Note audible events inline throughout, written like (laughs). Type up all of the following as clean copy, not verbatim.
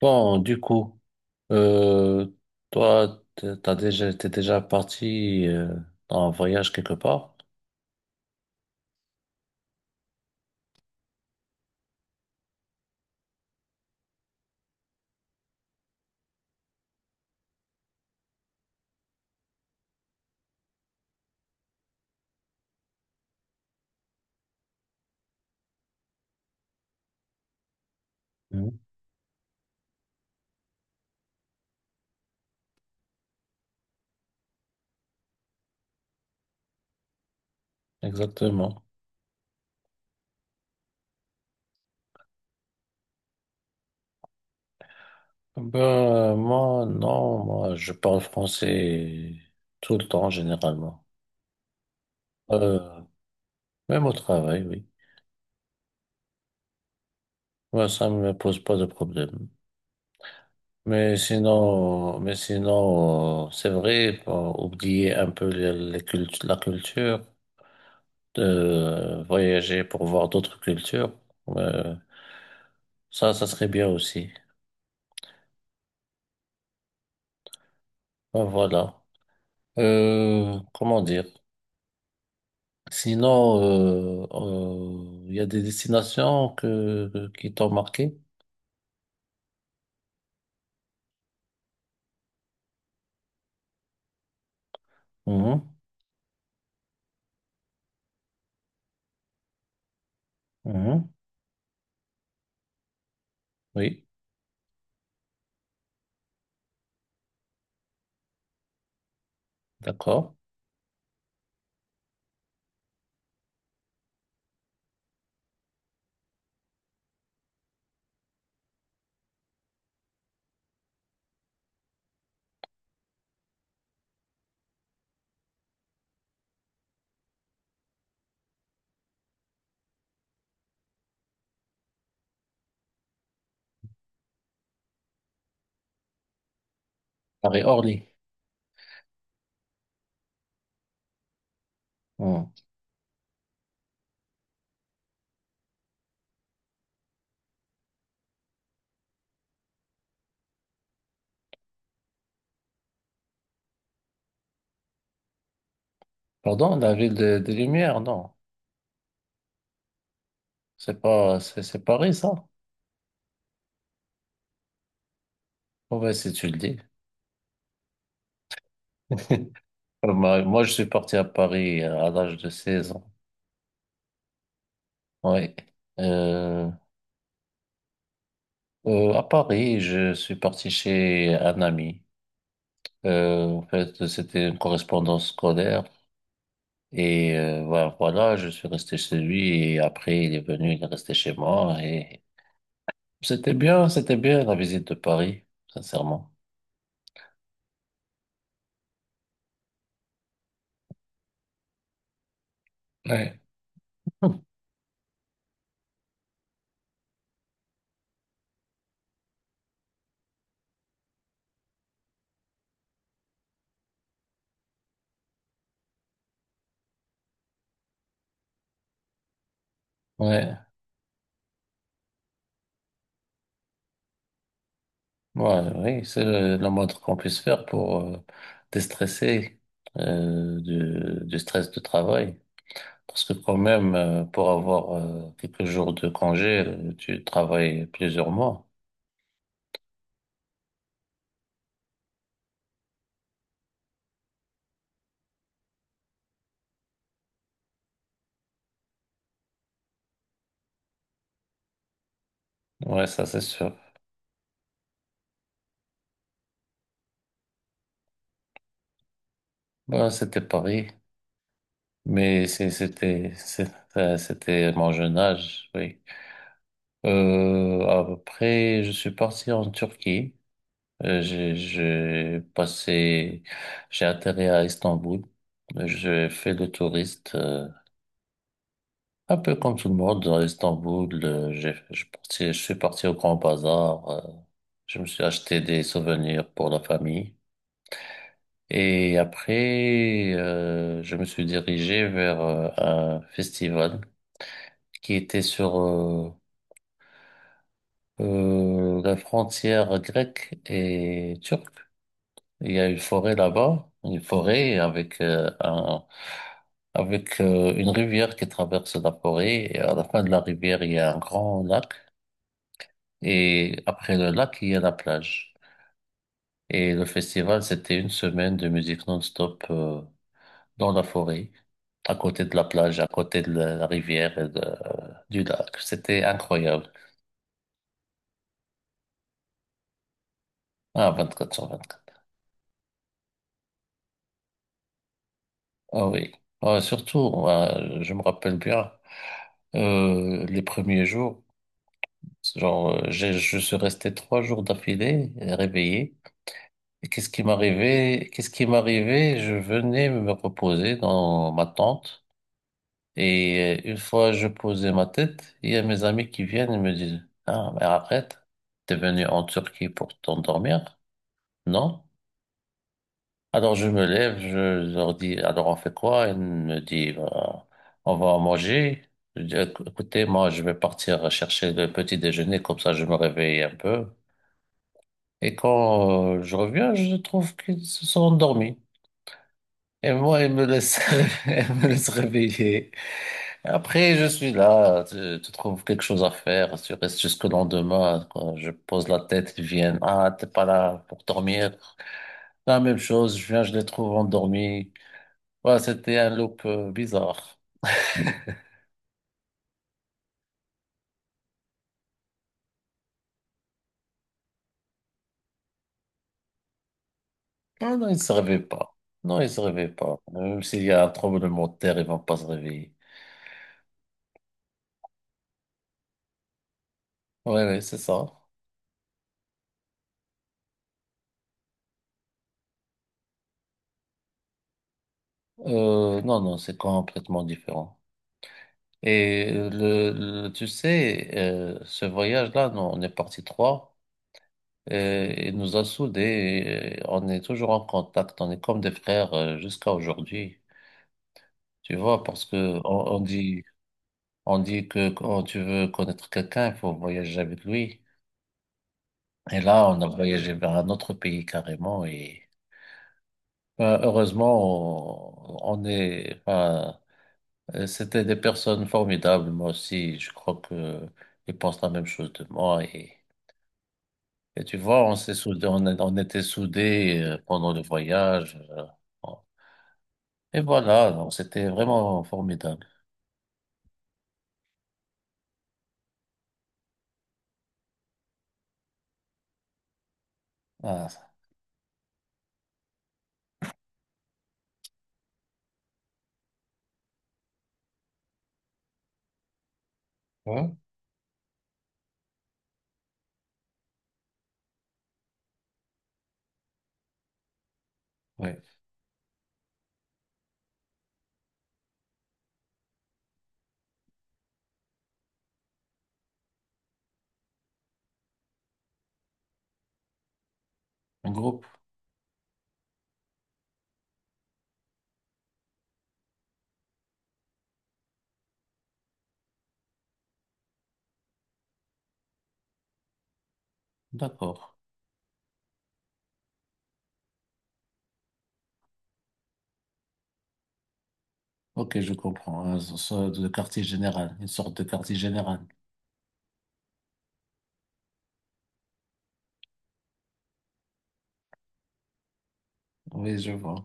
Bon, du coup, euh, toi, t'as déjà, t'es déjà parti dans voyage quelque part? Mhm. Exactement. Ben, moi, non, moi, je parle français tout le temps, généralement. Euh, même au travail, oui. Moi, ça me pose pas de problème. Mais sinon, c'est vrai, pour oublier un peu les la culture, de voyager pour voir d'autres cultures, euh, ça serait bien aussi. Ben, voilà. Comment dire? Sinon, il y a des destinations qui t'ont marqué? Mhm, mhm, oui, d'accord. Paris-Orly. Mmh. Pardon, la ville de Lumière, non. C'est pas, c'est Paris, ça? Oh, ouais, si tu le dis. (laughs) Alors, moi, je suis parti à Paris à l'âge de 16 ans. Oui. Euh, à Paris, je suis parti chez un ami. En fait, c'était une correspondance scolaire. Et voilà, je suis resté chez lui. Et après, il est venu, il est resté chez moi. Et c'était bien la visite de Paris, sincèrement. Ouais. (laughs) Ouais. Ouais, oui, c'est la moindre qu'on puisse faire pour déstresser euh, du stress de travail. Parce que quand même, pour avoir quelques jours de congé, tu travailles plusieurs mois. Ouais, ça c'est sûr. Bah, c'était Paris, mais c'était mon jeune âge, oui. Après, je suis parti en Turquie. J'ai passé, j'ai atterri à Istanbul. J'ai fait le touriste, un peu comme tout le monde à Istanbul. Je suis parti au Grand Bazar. Je me suis acheté des souvenirs pour la famille. Et après, je me suis dirigé vers un festival qui était sur la frontière grecque et turque. Il y a une forêt là-bas, une forêt avec une rivière qui traverse la forêt. Et à la fin de la rivière, il y a un grand lac. Et après le lac, il y a la plage. Et le festival, c'était une semaine de musique non-stop dans la forêt, à côté de la plage, à côté de la rivière et du lac. C'était incroyable. Ah, 24 sur quatre. Ah oui. Ah, surtout, je me rappelle bien les premiers jours. Genre, je suis resté trois jours d'affilée réveillé. Et qu'est-ce qui m'arrivait? Qu'est-ce qui m'arrivait? Je venais me reposer dans ma tente. Et une fois je posais ma tête, il y a mes amis qui viennent et me disent, ah, mais arrête, t'es venu en Turquie pour t'endormir? Non? Alors je me lève, je leur dis, alors on fait quoi? Ils me disent, bah, on va manger. Je dis, écoutez, moi je vais partir chercher le petit déjeuner, comme ça je me réveille un peu. Et quand je reviens, je trouve qu'ils se sont endormis. Et moi, ils me laissent, (laughs) ils me laissent réveiller. Après, je suis là, tu trouves quelque chose à faire, tu restes jusqu'au lendemain. Quand je pose la tête, ils viennent. Ah, t'es pas là pour dormir. La même chose, je viens, je les trouve endormis. Voilà, c'était un loop bizarre. Ah non, ils se réveillent pas. Non, ils se réveillent pas. Même s'il y a un tremblement de terre, ils vont pas se réveiller. Oui, oui, c'est ça. Non, non, c'est complètement différent. Et tu sais, ce voyage-là, nous, on est parti trois, et il nous a soudés, et on est toujours en contact, on est comme des frères jusqu'à aujourd'hui. Tu vois, parce que on, on dit, on dit que quand tu veux connaître quelqu'un, il faut voyager avec lui. Et là, on a voyagé vers un autre pays carrément, et ben, heureusement, on est, enfin, c'était des personnes formidables. Moi aussi, je crois que ils pensent la même chose de moi. Et tu vois, on s'est soudés, on était soudés pendant le voyage. On- Et voilà, donc c'était vraiment formidable. Ah, ouais, ouais. Un groupe, d'accord. Ok, je comprends. Hein, le quartier général, une sorte de quartier général. Oui, je vois.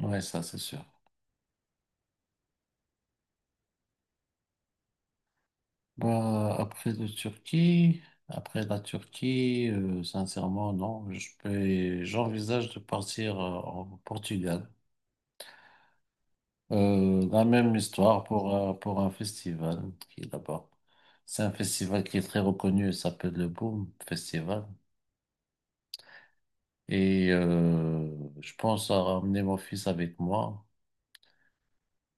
Oui, ça, c'est sûr. Bah, après la Turquie, sincèrement, non. Je peux, j'envisage de partir en Portugal. La même histoire pour pour un festival qui est là-bas. C'est un festival qui est très reconnu, il s'appelle le Boom Festival. Et je pense à ramener mon fils avec moi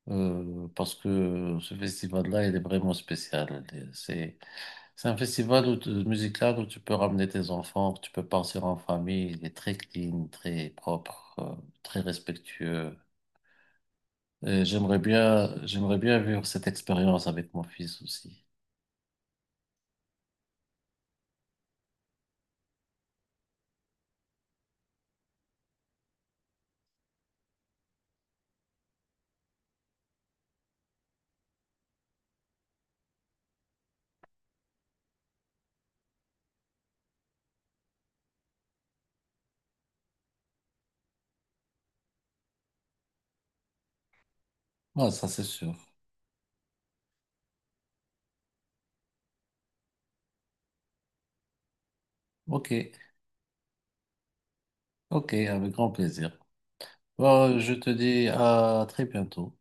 parce que ce festival-là, il est vraiment spécial. C'est un festival où musical où tu peux ramener tes enfants, tu peux partir en famille. Il est très clean, très propre, très respectueux. Et j'aimerais bien vivre cette expérience avec mon fils aussi. Ah, ça c'est sûr. Ok, ok, avec grand plaisir. Bah, je te dis à très bientôt.